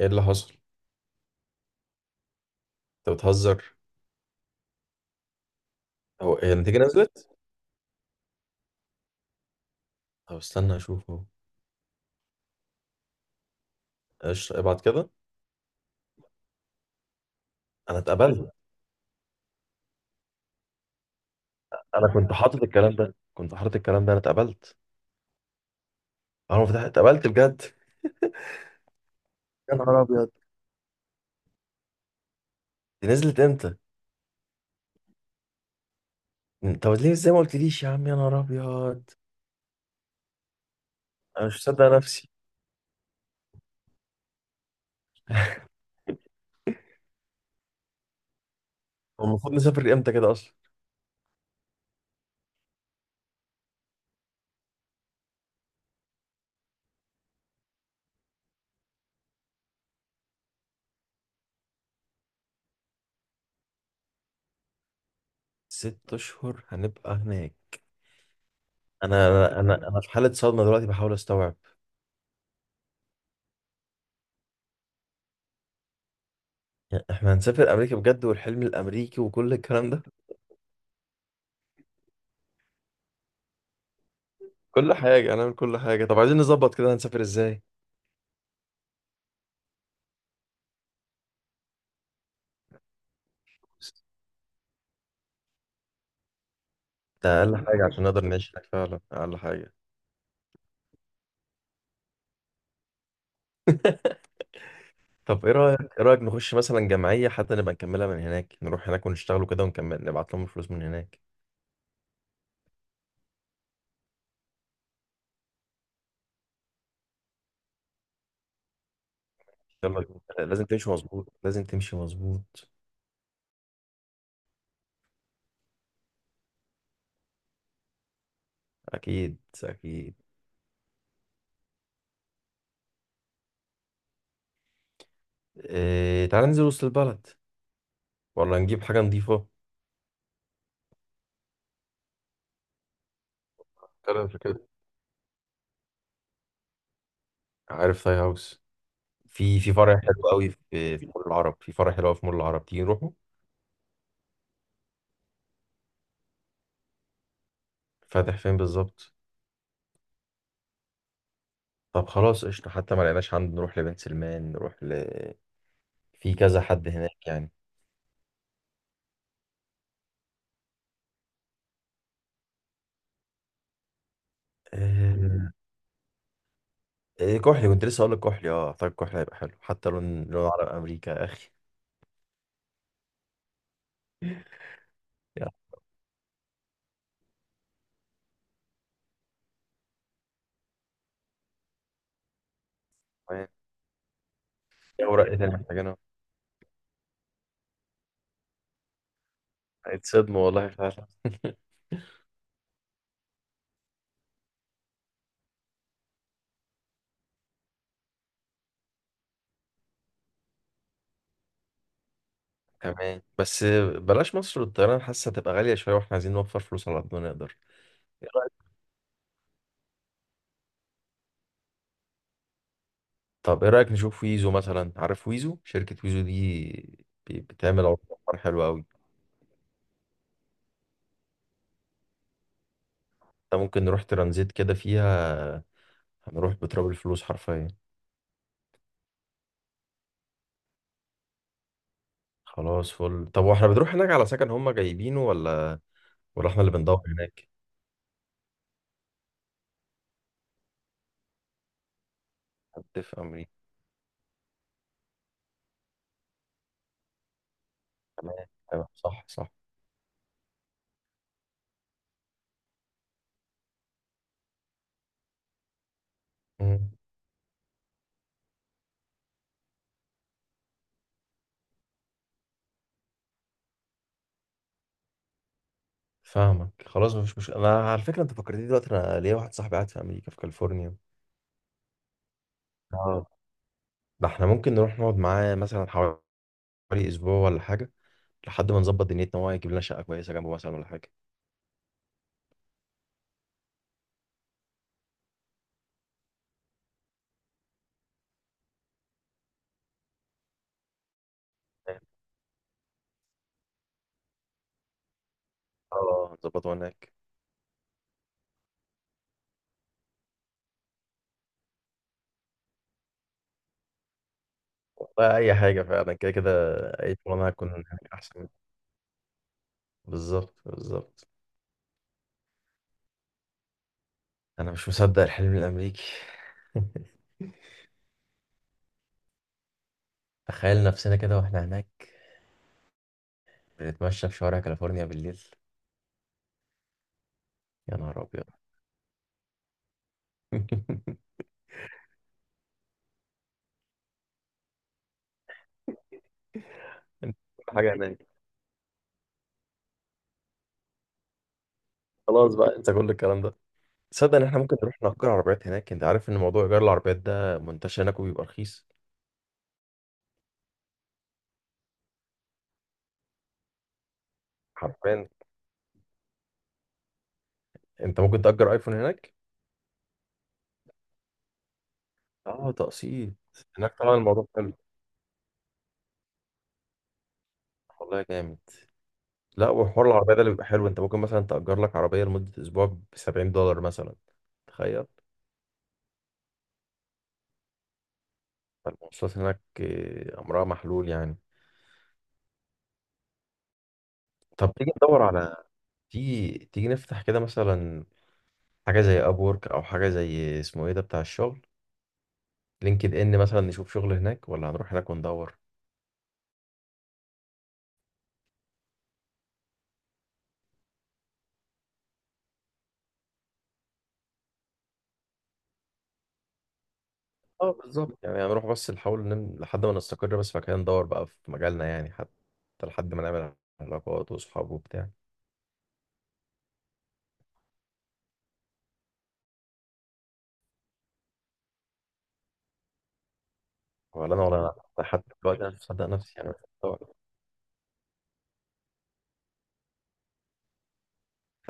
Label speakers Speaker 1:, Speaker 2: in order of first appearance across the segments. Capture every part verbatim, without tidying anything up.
Speaker 1: ايه اللي حصل؟ انت بتهزر؟ هو هي النتيجه نزلت؟ طب استنى اشوف اهو. ايش ابعت كده؟ انا اتقبلت. انا كنت حاطط الكلام ده كنت حاطط الكلام ده انا اتقبلت. انا ما فتحت، اتقبلت بجد. يا نهار ابيض، دي نزلت امتى؟ من- طب ليه؟ ازاي ما قلتليش يا عم؟ يا نهار ابيض، انا مش مصدق نفسي. هو المفروض نسافر امتى كده اصلا؟ ست اشهر هنبقى هناك؟ انا انا انا أنا في حاله صدمه دلوقتي، بحاول استوعب. يعني احنا هنسافر امريكا بجد، والحلم الامريكي وكل الكلام ده؟ كل حاجه هنعمل، كل حاجه. طب عايزين نظبط كده، هنسافر ازاي؟ ده اقل حاجه عشان نقدر نعيش هناك، فعلا اقل حاجه. طب ايه رايك ايه رايك نخش مثلا جمعيه، حتى نبقى نكملها من هناك، نروح هناك ونشتغلوا كده ونكمل نبعت لهم الفلوس من هناك. يلا بينا. لازم تمشي مظبوط، لازم تمشي مظبوط. اكيد اكيد. إيه، تعال ننزل وسط البلد، ولا نجيب حاجه نظيفه؟ كده في كده. عارف تاي هاوس. في في فرع حلو قوي في في مول العرب، في فرع حلو قوي في مول العرب، تيجي نروحه. فاتح فين بالظبط؟ طب خلاص قشطه. حتى ما لقيناش عنده، نروح لبنت سلمان، نروح ل... في كذا حد هناك يعني. آه، إيه كحلي، كنت لسه هقول لك كحلي، اه اعتقد كحلي هيبقى حلو، حتى لون، لون عرب امريكا يا اخي. يا رب. يا اوراق ايه تاني محتاجينها؟ اتصدموا والله فعلا. تمام، بس بلاش مصر والطيران، حاسه هتبقى غاليه شويه، واحنا عايزين نوفر فلوس على قد ما نقدر. إيه رأيك؟ طب ايه رايك نشوف ويزو مثلا؟ عارف ويزو؟ شركه ويزو دي بي- بتعمل عروض حلوه قوي. ده ممكن نروح ترانزيت كده فيها، هنروح بتراب الفلوس حرفيا. خلاص فل. طب واحنا بنروح هناك على سكن، هم جايبينه ولا ولا احنا اللي بندور هناك؟ حد في امريكا؟ تمام تمام، صح صح. مم. فاهمك، خلاص مفيش مشكله. انا على فكره، انت فكرتني دلوقتي، انا ليا واحد صاحبي قاعد في امريكا في كاليفورنيا. اه، ده احنا ممكن نروح نقعد معاه مثلا حوالي اسبوع ولا حاجه، لحد ما نظبط دنيتنا، وهو يجيب لنا شقه كويسه جنبه مثلا ولا حاجه. اه نظبطه هناك. والله اي حاجه فعلا، كده كده اي شغلانه هتكون هناك، احسن. بالظبط بالظبط. انا مش مصدق الحلم الامريكي. تخيل نفسنا كده واحنا هناك، بنتمشى في شوارع كاليفورنيا بالليل. يا نهار ابيض. انت كل حاجه هناك. خلاص بقى، انسى كل الكلام ده. تصدق ان احنا ممكن نروح نأجر عربيات هناك؟ انت عارف ان موضوع ايجار العربيات ده منتشر هناك وبيبقى رخيص. حرفيا. انت ممكن تأجر ايفون هناك. اه تقسيط. هناك طبعا الموضوع حلو. والله جامد. لا، وحوار العربيه ده اللي بيبقى حلو، انت ممكن مثلا تأجر لك عربيه لمده اسبوع ب سبعين دولار مثلا. تخيل. فالمواصلات هناك آه، امرها محلول يعني. طب تيجي ندور على... تيجي تيجي نفتح كده مثلا حاجه زي ابورك، او حاجه زي اسمه ايه ده بتاع الشغل، لينكد ان مثلا، نشوف شغل هناك ولا هنروح هناك وندور؟ اه بالظبط، يعني هنروح بس نحاول نم... لحد ما نستقر بس، فكده ندور بقى في مجالنا يعني، حتى لحد ما نعمل علاقات وصحاب وبتاع. ولا انا، ولا انا لحد دلوقتي انا مش مصدق نفسي، يعني مش مصدق.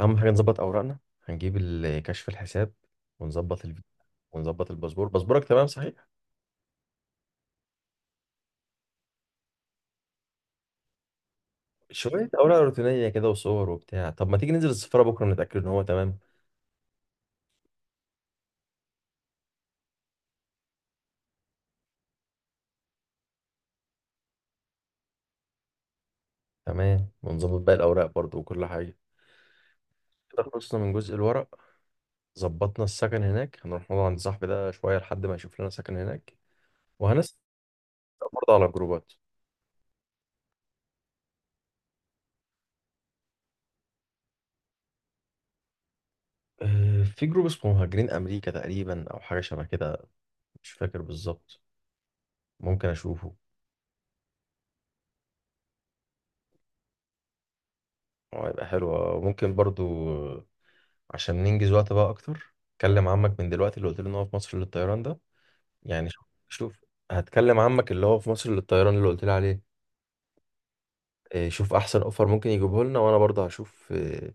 Speaker 1: اهم حاجه نظبط اوراقنا، هنجيب ال- كشف الحساب، ونظبط الفيزا، ونظبط الباسبور. باسبورك تمام صحيح؟ شويه اوراق روتينيه كده وصور وبتاع. طب ما تيجي ننزل السفاره بكره نتاكد ان هو تمام. تمام، ونظبط باقي الاوراق برضو وكل حاجه. كده خلصنا من جزء الورق. ظبطنا السكن هناك، هنروح نقعد عند صاحبي ده شوية لحد ما يشوف لنا سكن هناك. وهنسأل برضه على جروبات. آه، في جروب اسمه مهاجرين أمريكا تقريبا، أو حاجة شبه كده، مش فاكر بالظبط، ممكن أشوفه. هو هيبقى حلو، وممكن برضه. آه، عشان ننجز وقت بقى أكتر، كلم عمك من دلوقتي، اللي قلت له إن هو في مصر للطيران ده. يعني شوف شوف، هتكلم عمك اللي هو في مصر للطيران اللي قلت لي عليه. آه، شوف أحسن أوفر ممكن يجيبه لنا، وأنا برضه هشوف آه،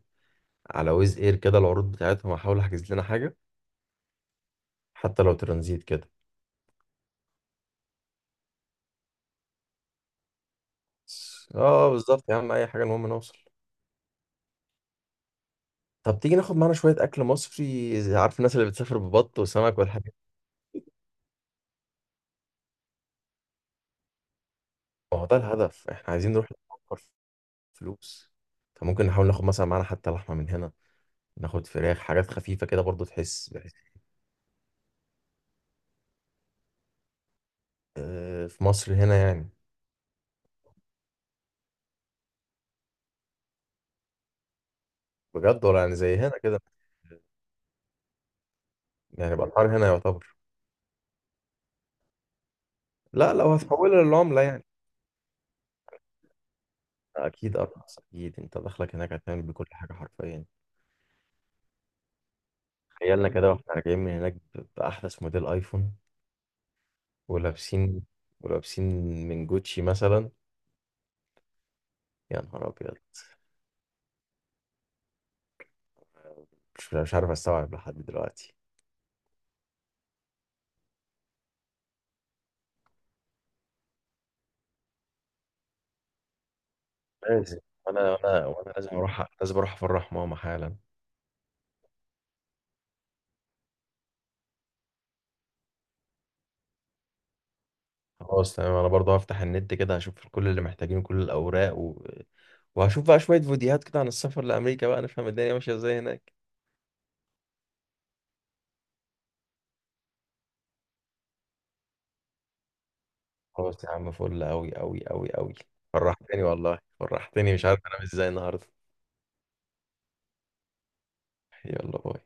Speaker 1: على ويز إير كده العروض بتاعتهم، هحاول أحجز لنا حاجة، حتى لو ترانزيت كده. اه بالظبط يا عم، اي حاجه المهم نوصل. طب تيجي ناخد معانا شويه اكل مصري زي... عارف الناس اللي بتسافر ببط وسمك والحاجات دي؟ ما هو ده الهدف، احنا عايزين نروح نوفر فلوس. فممكن نحاول ناخد مثلا معانا حتى لحمه من هنا، ناخد فراخ، حاجات خفيفه كده برضو تحس بحس. آه، في مصر هنا يعني؟ بجد ولا يعني زي هنا كده؟ يعني الاسعار هنا يعتبر... لا، لو هتحولها للعمله يعني. اكيد ارخص، اكيد، انت داخلك هناك هتعمل بكل حاجه حرفيا. تخيلنا كده واحنا راجعين من هناك ب- باحدث موديل ايفون، ولابسين، ولابسين من جوتشي مثلا. يا نهار ابيض. مش مش عارف استوعب لحد دلوقتي. لازم. انا انا وانا لازم اروح، لازم اروح افرح ماما حالا. خلاص تمام، انا برضه هفتح النت كده هشوف كل اللي محتاجينه، كل الاوراق و... وهشوف بقى شويه فيديوهات كده عن السفر لامريكا بقى، نفهم الدنيا ماشيه ازاي هناك. خلاص يا عم، فل قوي قوي قوي قوي. فرحتني والله، فرحتني، مش عارف انام ازاي النهارده. يلا باي.